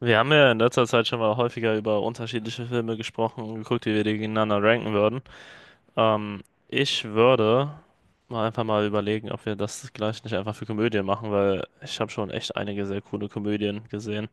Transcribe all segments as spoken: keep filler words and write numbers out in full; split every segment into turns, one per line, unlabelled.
Wir haben ja in letzter Zeit schon mal häufiger über unterschiedliche Filme gesprochen und geguckt, wie wir die gegeneinander ranken würden. Ähm, ich würde mal einfach mal überlegen, ob wir das gleich nicht einfach für Komödien machen, weil ich habe schon echt einige sehr coole Komödien gesehen.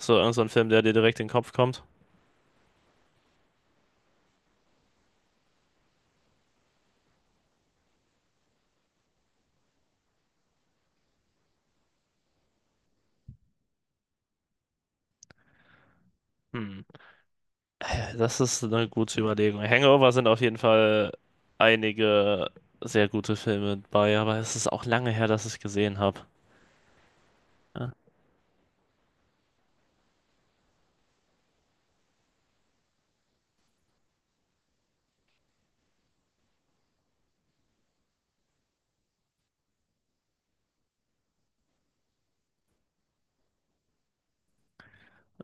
So, irgend so ein Film, der dir direkt in den Kopf kommt. Hm, ja, das ist eine gute Überlegung. Hangover sind auf jeden Fall einige sehr gute Filme bei, aber es ist auch lange her, dass ich gesehen habe. Ja.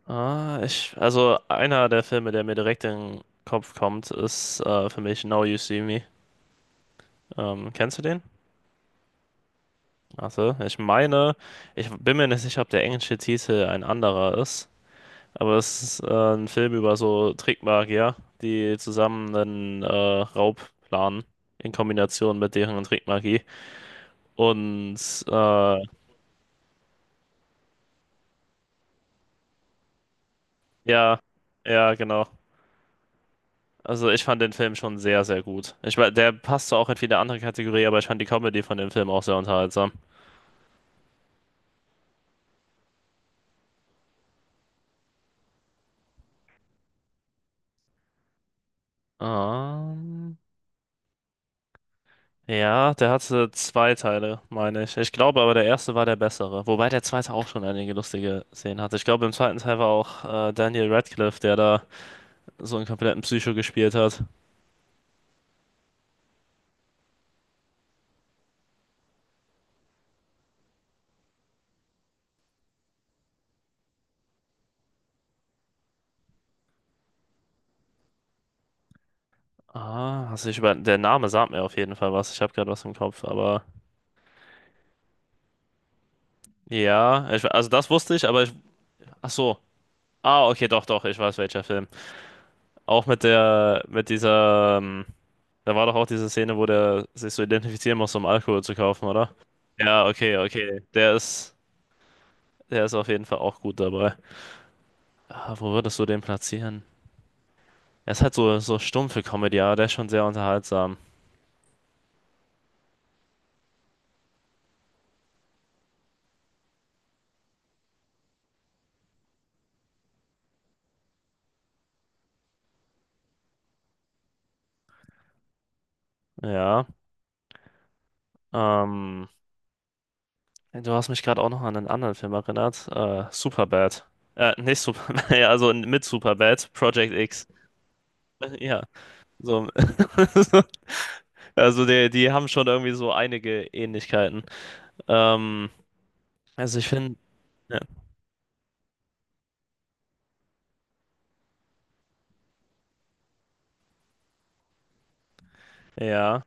Ah, ich, also einer der Filme, der mir direkt in den Kopf kommt, ist äh, für mich Now You See Me. Ähm, kennst du den? Also, ich meine, ich bin mir nicht sicher, ob der englische Titel ein anderer ist, aber es ist äh, ein Film über so Trickmagier, die zusammen einen äh, Raub planen in Kombination mit deren Trickmagie. Und äh, ja, ja, genau. Also ich fand den Film schon sehr, sehr gut. Ich, wa- der passte auch in viele andere Kategorie, aber ich fand die Comedy von dem Film auch sehr unterhaltsam. Ähm, ja, der hatte zwei Teile, meine ich. Ich glaube aber, der erste war der bessere. Wobei der zweite auch schon einige lustige Szenen hatte. Ich glaube, im zweiten Teil war auch äh, Daniel Radcliffe, der da so einen kompletten Psycho gespielt hat. Ah, also ich über der Name sagt mir auf jeden Fall was. Ich habe gerade was im Kopf, aber ja, ich, also das wusste ich, aber ich, ach so. Ah, okay, doch, doch, ich weiß welcher Film. Auch mit der, mit dieser, ähm, da war doch auch diese Szene, wo der sich so identifizieren muss, um Alkohol zu kaufen, oder? Ja, okay, okay. Der ist, der ist auf jeden Fall auch gut dabei. Ah, wo würdest du den platzieren? Er ist halt so, so stumpfe Comedy, aber der ist schon sehr unterhaltsam. Ja. Ähm, du hast mich gerade auch noch an einen anderen Film erinnert. Äh, Superbad. Äh, nicht Superbad, ja, also mit Superbad, Project X. Ja, so. Also die, die haben schon irgendwie so einige Ähnlichkeiten. Ähm, also ich finde, ja, ja,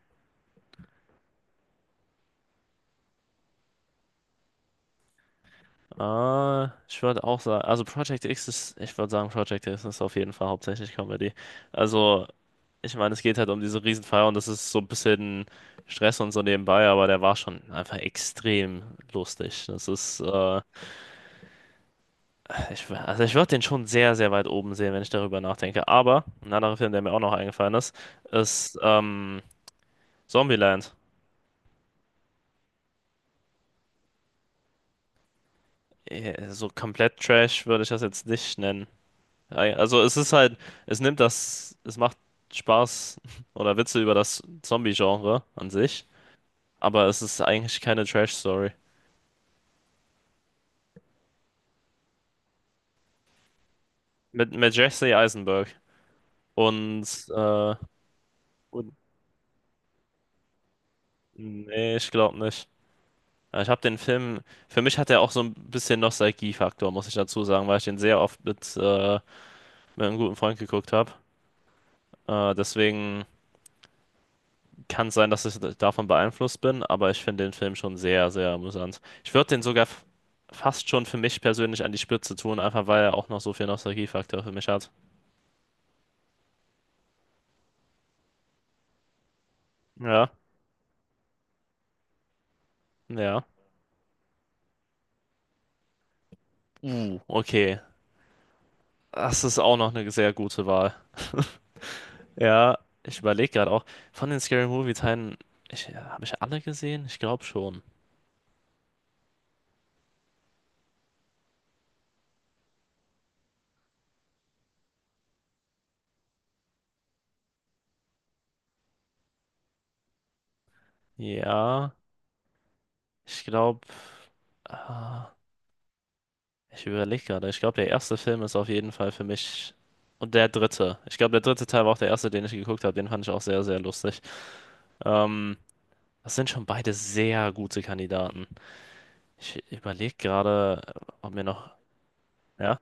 äh, ich würde auch sagen, also Project X ist, ich würde sagen, Project X ist auf jeden Fall hauptsächlich Comedy. Also, ich meine, es geht halt um diese Riesenfeier und das ist so ein bisschen Stress und so nebenbei, aber der war schon einfach extrem lustig. Das ist, äh, ich, also ich würde den schon sehr, sehr weit oben sehen, wenn ich darüber nachdenke. Aber ein anderer Film, der mir auch noch eingefallen ist, ist ähm, Zombieland. Eh, so komplett Trash würde ich das jetzt nicht nennen. Ei, also es ist halt, es nimmt das, es macht Spaß oder Witze über das Zombie-Genre an sich, aber es ist eigentlich keine Trash-Story. Mit, mit Jesse Eisenberg und, äh, und nee, ich glaube nicht. Ja, ich habe den Film, für mich hat er auch so ein bisschen Nostalgie-Faktor, muss ich dazu sagen, weil ich den sehr oft mit, äh, mit einem guten Freund geguckt habe. Äh, deswegen kann sein, dass ich davon beeinflusst bin, aber ich finde den Film schon sehr, sehr amüsant. Ich würde den sogar f- fast schon für mich persönlich an die Spitze tun, einfach weil er auch noch so viel Nostalgiefaktor für mich hat. Ja, ja. Uh, okay. Das ist auch noch eine sehr gute Wahl. Ja, ich überlege gerade auch, von den Scary Movie Teilen, ich, habe ich alle gesehen? Ich glaube schon. Ja, ich glaube. Ich überlege gerade. Ich glaube, der erste Film ist auf jeden Fall für mich. Und der dritte. Ich glaube, der dritte Teil war auch der erste, den ich geguckt habe. Den fand ich auch sehr, sehr lustig. Ähm, das sind schon beide sehr gute Kandidaten. Ich überlege gerade, ob mir noch. Ja.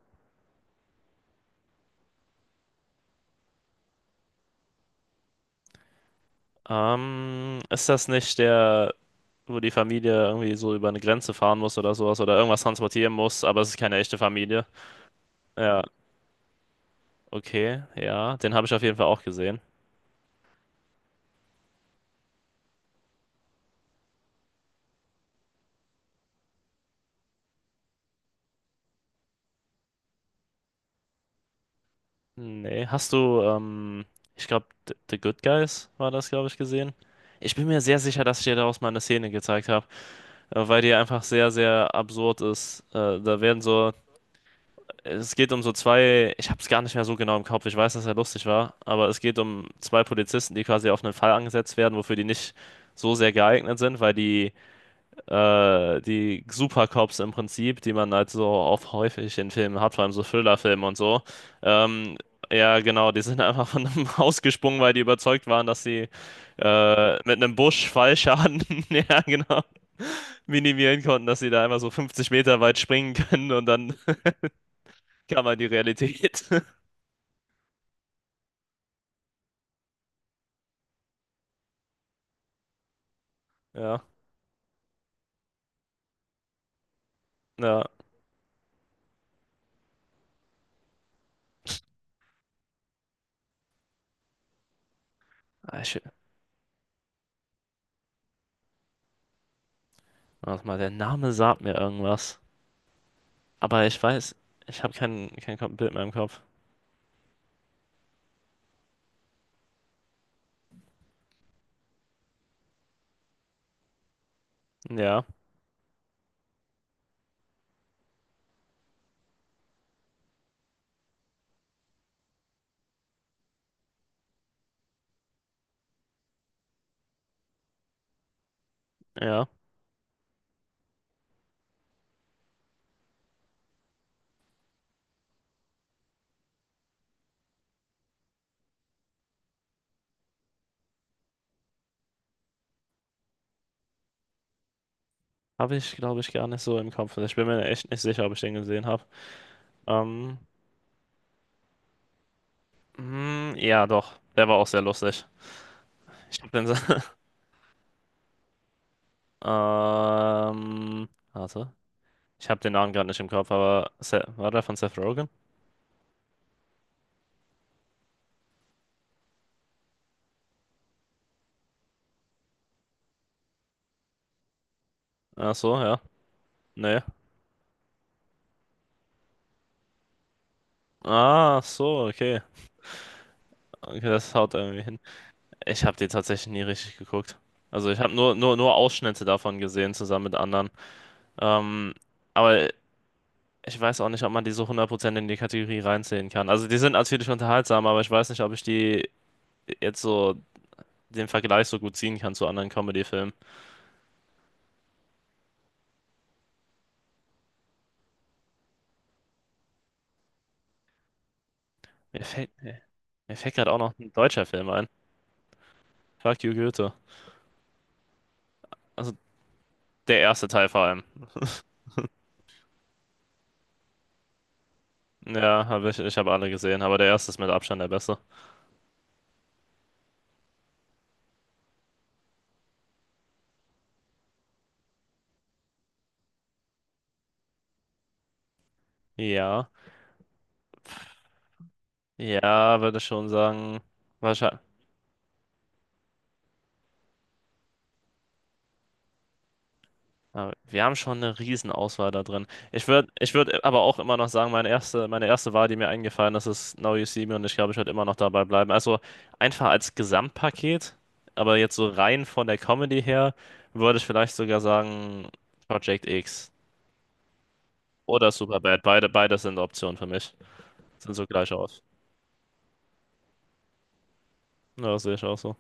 Ähm, ist das nicht der, wo die Familie irgendwie so über eine Grenze fahren muss oder sowas oder irgendwas transportieren muss, aber es ist keine echte Familie? Ja, okay, ja. Den habe ich auf jeden Fall auch gesehen. Nee, hast du, ähm, ich glaube, The The Good Guys war das, glaube ich, gesehen. Ich bin mir sehr sicher, dass ich dir daraus mal eine Szene gezeigt habe, äh, weil die einfach sehr, sehr absurd ist. Äh, da werden so, es geht um so zwei, ich habe es gar nicht mehr so genau im Kopf, ich weiß, dass er lustig war, aber es geht um zwei Polizisten, die quasi auf einen Fall angesetzt werden, wofür die nicht so sehr geeignet sind, weil die äh, die Supercops im Prinzip, die man halt so auch häufig in Filmen hat, vor allem so Thriller-Filmen und so. Ähm, ja, genau, die sind einfach von einem Haus gesprungen, weil die überzeugt waren, dass sie äh, mit einem Busch Fallschaden, ja, genau, minimieren konnten, dass sie da einfach so fünfzig Meter weit springen können und dann kam halt die Realität. Ja, ja. Ah, ich, warte mal, der Name sagt mir irgendwas. Aber ich weiß, ich habe kein, kein Kom- Bild mehr im Kopf. Ja, ja. Habe ich, glaube ich, gar nicht so im Kopf. Ich bin mir echt nicht sicher, ob ich den gesehen habe. Ähm, mm, ja, doch. Der war auch sehr lustig. Ich habe den. Ähm, warte. Ich habe den Namen gerade nicht im Kopf, aber Se war der von Seth Rogen? Ach so, ja. Nee. Ah, so, okay. Okay, das haut irgendwie hin. Ich habe den tatsächlich nie richtig geguckt. Also ich habe nur, nur, nur Ausschnitte davon gesehen, zusammen mit anderen. Ähm, aber ich weiß auch nicht, ob man die so hundert Prozent in die Kategorie reinzählen kann. Also die sind natürlich unterhaltsam, aber ich weiß nicht, ob ich die jetzt so den Vergleich so gut ziehen kann zu anderen Comedy-Filmen. Mir fällt, mir mir fällt gerade auch noch ein deutscher Film ein. Fuck you, Goethe. Also der erste Teil vor allem. Ja, hab ich, ich habe alle gesehen, aber der erste ist mit Abstand der beste. Ja, ja, würde ich schon sagen. Aber wir haben schon eine Riesenauswahl da drin. Ich würde ich würd aber auch immer noch sagen, meine erste, meine erste Wahl, die mir eingefallen ist, ist Now You See Me und ich glaube, ich werde immer noch dabei bleiben. Also einfach als Gesamtpaket, aber jetzt so rein von der Comedy her, würde ich vielleicht sogar sagen Project X oder Superbad. Beide, beide sind Optionen für mich. Sind so gleich aus. Ja, sehe ich auch so.